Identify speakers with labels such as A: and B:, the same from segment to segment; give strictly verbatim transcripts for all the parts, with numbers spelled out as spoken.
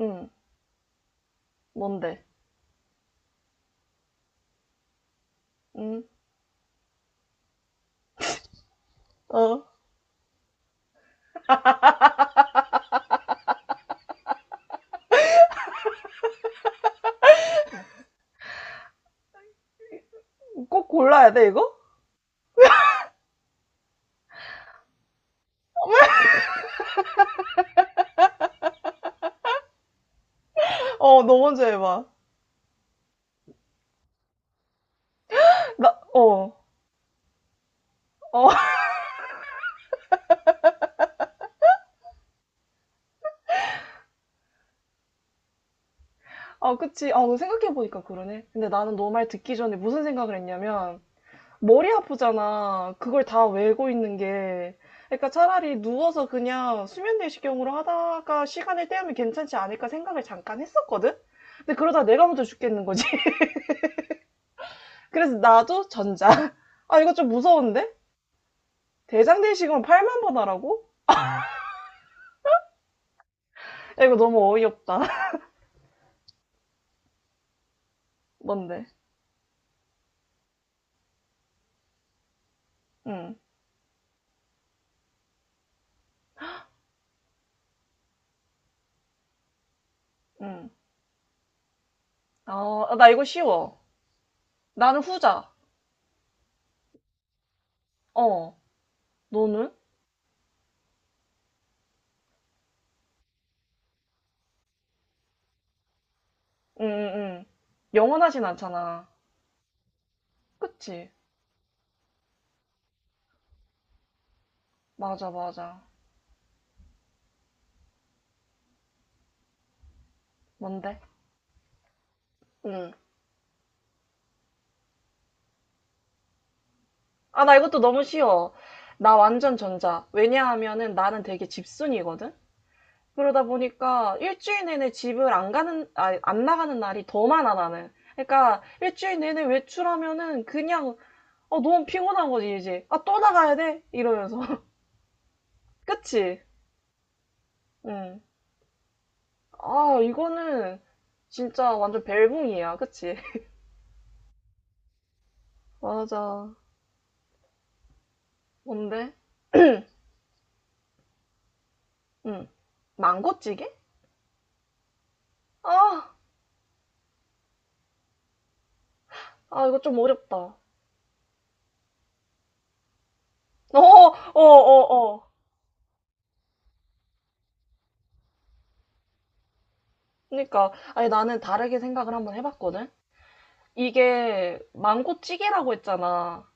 A: 응, 뭔데? 응, 어, 꼭 골라야 돼, 이거? 어, 너 먼저 해봐. 나, 어, 어, 아, 그치. 아, 생각해보니까 그러네. 근데 나는 너 말 듣기 전에 무슨 생각을 했냐면, 머리 아프잖아. 그걸 다 외고 있는 게. 그러니까 차라리 누워서 그냥 수면 내시경으로 하다가 시간을 때우면 괜찮지 않을까 생각을 잠깐 했었거든? 근데 그러다 내가 먼저 죽겠는 거지. 그래서 나도 전자. 아, 이거 좀 무서운데? 대장 내시경을 팔만 번 하라고? 야, 이거 너무 어이없다. 뭔데? 응, 응. 아, 아, 나 이거 쉬워. 나는 후자. 어, 너는? 응, 응, 응. 영원하진 않잖아. 그치? 맞아, 맞아. 뭔데? 응. 아, 나 이것도 너무 쉬워. 나 완전 전자. 왜냐하면은 나는 되게 집순이거든? 그러다 보니까 일주일 내내 집을 안 가는, 아, 안 나가는 날이 더 많아, 나는. 그러니까 일주일 내내 외출하면은 그냥, 어, 너무 피곤한 거지, 이제. 아, 또 나가야 돼? 이러면서. 그치? 응. 아, 이거는 진짜 완전 벨붕이야. 그치? 맞아. 뭔데? 응. 망고찌개? 아, 아, 이거 좀 어렵다. 어, 어, 어, 어. 그러니까. 아니, 나는 다르게 생각을 한번 해봤거든? 이게 망고찌개라고 했잖아.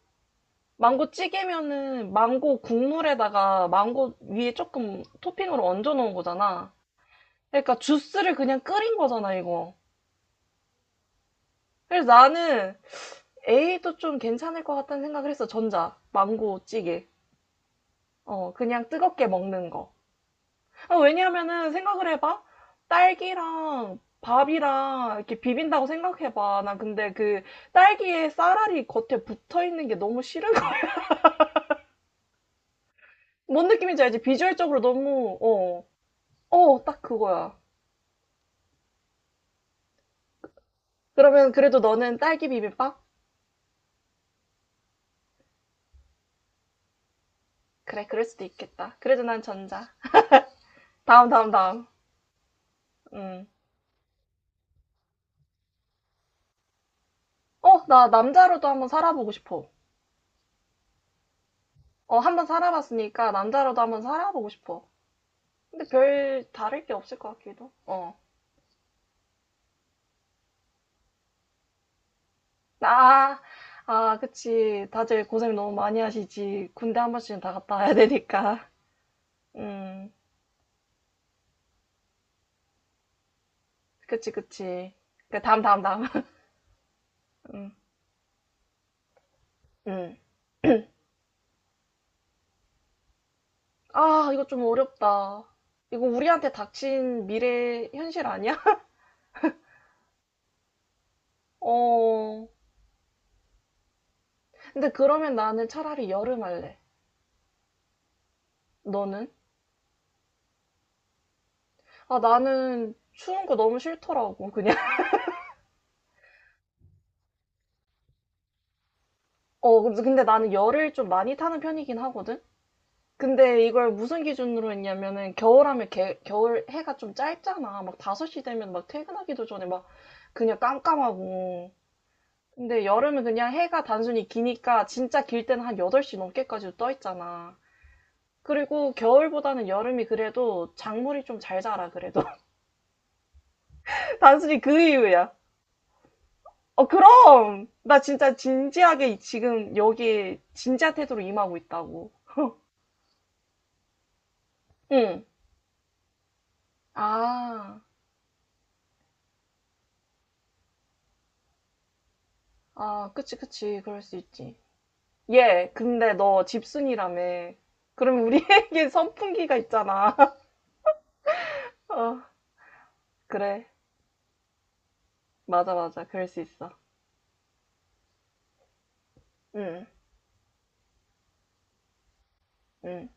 A: 망고찌개면은 망고 국물에다가 망고 위에 조금 토핑으로 얹어 놓은 거잖아. 그러니까 주스를 그냥 끓인 거잖아, 이거. 그래서 나는 에이도 좀 괜찮을 것 같다는 생각을 했어. 전자, 망고 찌개. 어, 그냥 뜨겁게 먹는 거. 아, 왜냐하면은 생각을 해봐. 딸기랑 밥이랑 이렇게 비빈다고 생각해봐. 나 근데 그 딸기에 쌀알이 겉에 붙어 있는 게 너무 싫은 거야. 뭔 느낌인지 알지? 비주얼적으로 너무, 어, 어, 딱 그거야. 그러면 그래도 너는 딸기 비빔밥? 그래, 그럴 수도 있겠다. 그래도 난 전자. 다음, 다음, 다음. 음. 어, 나 남자로도 한번 살아보고 싶어. 어, 한번 살아봤으니까 남자로도 한번 살아보고 싶어. 근데 별 다를 게 없을 것 같기도. 어. 아, 아, 그치. 다들 고생 너무 많이 하시지. 군대 한 번씩은 다 갔다 와야 되니까. 음, 그치, 그치. 그 다음, 다음, 다음. 음, 음. 아, 이거 좀 어렵다. 이거 우리한테 닥친 미래 현실 아니야? 어. 근데 그러면 나는 차라리 여름 할래. 너는? 아, 나는 추운 거 너무 싫더라고, 그냥. 어, 근데 근데 나는 열을 좀 많이 타는 편이긴 하거든? 근데 이걸 무슨 기준으로 했냐면은 겨울하면 개, 겨울 해가 좀 짧잖아. 막 다섯 시 되면 막 퇴근하기도 전에 막 그냥 깜깜하고. 근데 여름은 그냥 해가 단순히 기니까 진짜 길 때는 한 여덟 시 넘게까지도 떠 있잖아. 그리고 겨울보다는 여름이 그래도 작물이 좀 잘 자라, 그래도. 단순히 그 이유야. 어, 그럼! 나 진짜 진지하게 지금 여기 진지한 태도로 임하고 있다고. 응. 아. 아, 그치, 그치. 그럴 수 있지. 얘, 근데 너 집순이라며. 그럼 우리에게 선풍기가 있잖아. 어, 그래. 맞아, 맞아. 그럴 수 있어. 응, 응.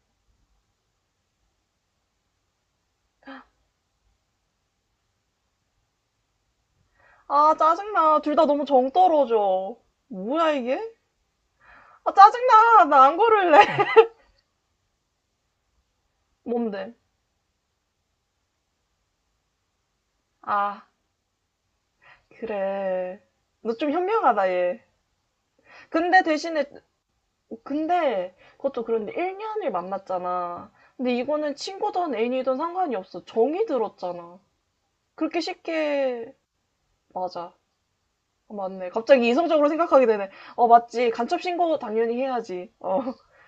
A: 아, 짜증나. 둘 다 너무 정 떨어져. 뭐야, 이게? 아, 짜증나. 나 안 고를래. 뭔데? 아, 그래. 너 좀 현명하다, 얘. 근데 대신에, 근데, 그것도 그런데 일 년을 만났잖아. 근데 이거는 친구든 애인이든 상관이 없어. 정이 들었잖아. 그렇게 쉽게 맞아. 어, 맞네. 갑자기 이성적으로 생각하게 되네. 어, 맞지. 간첩 신고 당연히 해야지. 어.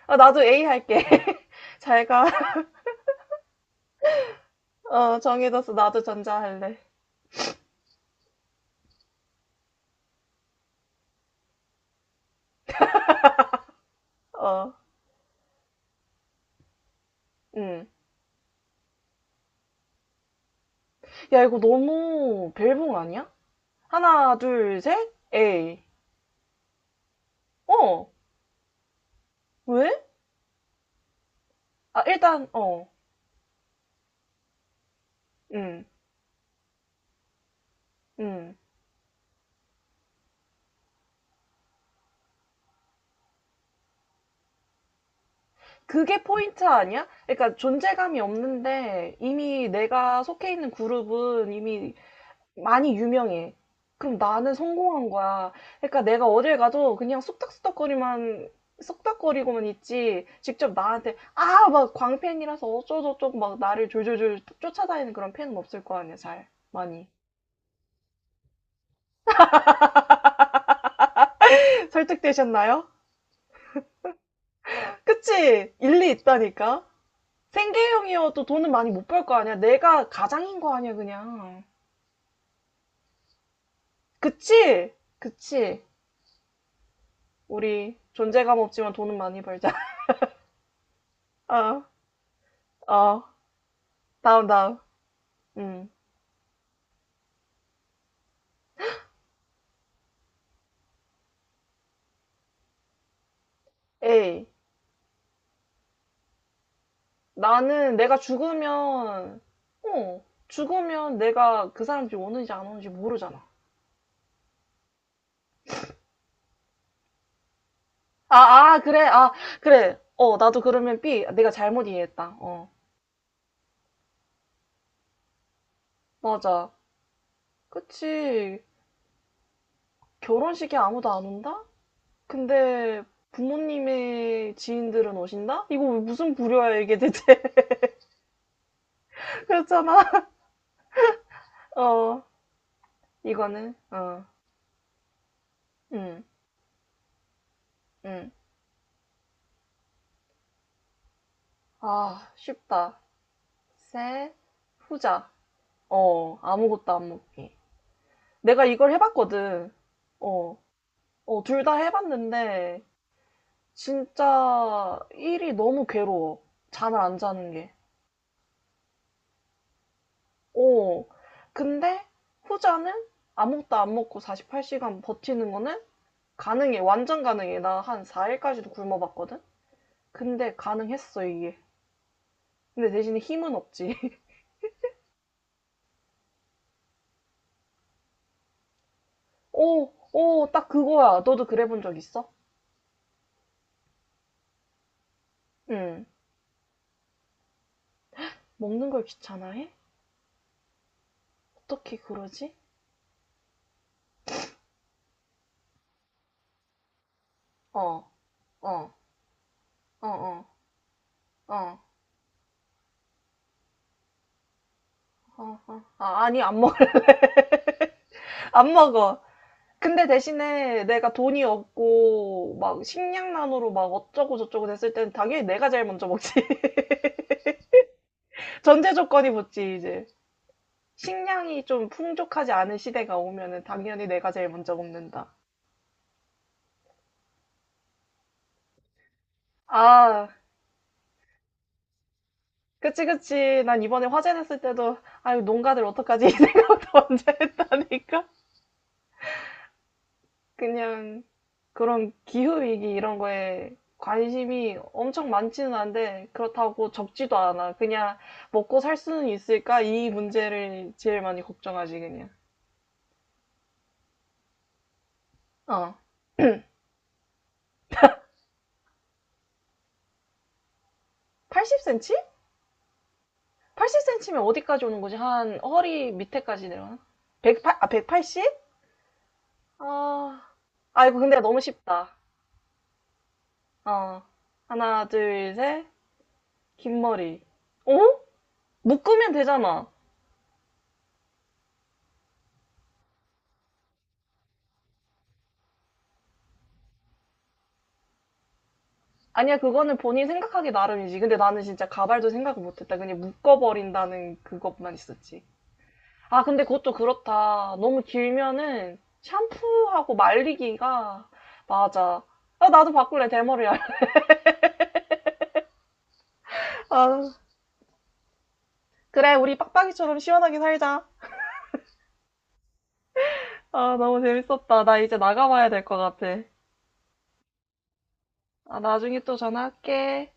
A: 아, 나도 에이 할게. 잘 가. 어, 정해뒀어. 나도 전자 할래. 어. 음. 야, 이거 너무 벨붕 아니야? 하나, 둘, 셋. 에이. 어. 왜? 아, 일단 어. 음. 음. 그게 포인트 아니야? 그러니까 존재감이 없는데 이미 내가 속해 있는 그룹은 이미 많이 유명해. 그럼 나는 성공한 거야. 그러니까 내가 어딜 가도 그냥 쑥닥쑥닥거리만 쑥닥거리고만 있지. 직접 나한테 아, 막 광팬이라서 어쩌고저쩌고 막 나를 졸졸졸 쫓아다니는 그런 팬은 없을 거 아니야, 잘. 많이. 설득되셨나요? 그치? 일리 있다니까. 생계형이어도 돈은 많이 못 벌 거 아니야. 내가 가장인 거 아니야, 그냥. 그치? 그치? 우리 존재감 없지만 돈은 많이 벌자. 어, 어. 다음, 다음. 음. 에이, 나는 내가 죽으면, 어, 죽으면 내가 그 사람 집 오는지 안 오는지 모르잖아. 아, 아, 그래, 아, 그래. 어, 나도 그러면 비, 내가 잘못 이해했다. 어, 맞아. 그치. 결혼식에 아무도 안 온다? 근데 부모님의 지인들은 오신다? 이거 왜 무슨 부류야, 이게 대체. 그렇잖아. 어, 이거는, 어, 응, 응. 아, 쉽다. 셋, 후자. 어, 아무것도 안 먹기. 내가 이걸 해봤거든. 어, 어, 둘 다 해봤는데, 진짜 일이 너무 괴로워. 잠을 안 자는 게. 어, 근데 후자는 아무것도 안 먹고 사십팔 시간 버티는 거는 가능해. 완전 가능해. 나 한 사 일까지도 굶어봤거든? 근데 가능했어, 이게. 근데 대신에 힘은 없지. 오! 오! 딱 그거야. 너도 그래 본 적 있어? 응. 먹는 걸 귀찮아해? 어떻게 그러지? 어, 어, 어, 어, 어. 어, 어. 아, 아니, 안 먹, 안 먹어. 근데 대신에 내가 돈이 없고, 막, 식량난으로 막 어쩌고저쩌고 됐을 때는 당연히 내가 제일 먼저 먹지. 전제 조건이 붙지, 이제. 식량이 좀 풍족하지 않은 시대가 오면은 당연히 내가 제일 먼저 먹는다. 아, 그치, 그치. 난 이번에 화재 났을 때도, 아유, 농가들 어떡하지? 이 생각도 먼저 했다니까. 그냥 그런 기후위기 이런 거에 관심이 엄청 많지는 않은데 그렇다고 적지도 않아. 그냥 먹고 살 수는 있을까? 이 문제를 제일 많이 걱정하지, 그냥. 어. 팔십 센티미터? 팔십 센티미터면 어디까지 오는 거지? 한 허리 밑에까지 내려나? 백팔십, 아, 영 아, 아, 이거 근데 너무 쉽다. 어. 하나, 둘, 셋. 긴 머리. 어? 묶으면 되잖아. 아니야, 그거는 본인 생각하기 나름이지. 근데 나는 진짜 가발도 생각을 못했다. 그냥 묶어버린다는 그것만 있었지. 아, 근데 그것도 그렇다. 너무 길면은 샴푸하고 말리기가 맞아. 아, 나도 바꿀래, 대머리. 알- 아, 그래, 우리 빡빡이처럼 시원하게 살자. 아, 너무 재밌었다. 나 이제 나가봐야 될 것 같아. 아, 나중에 또 전화할게.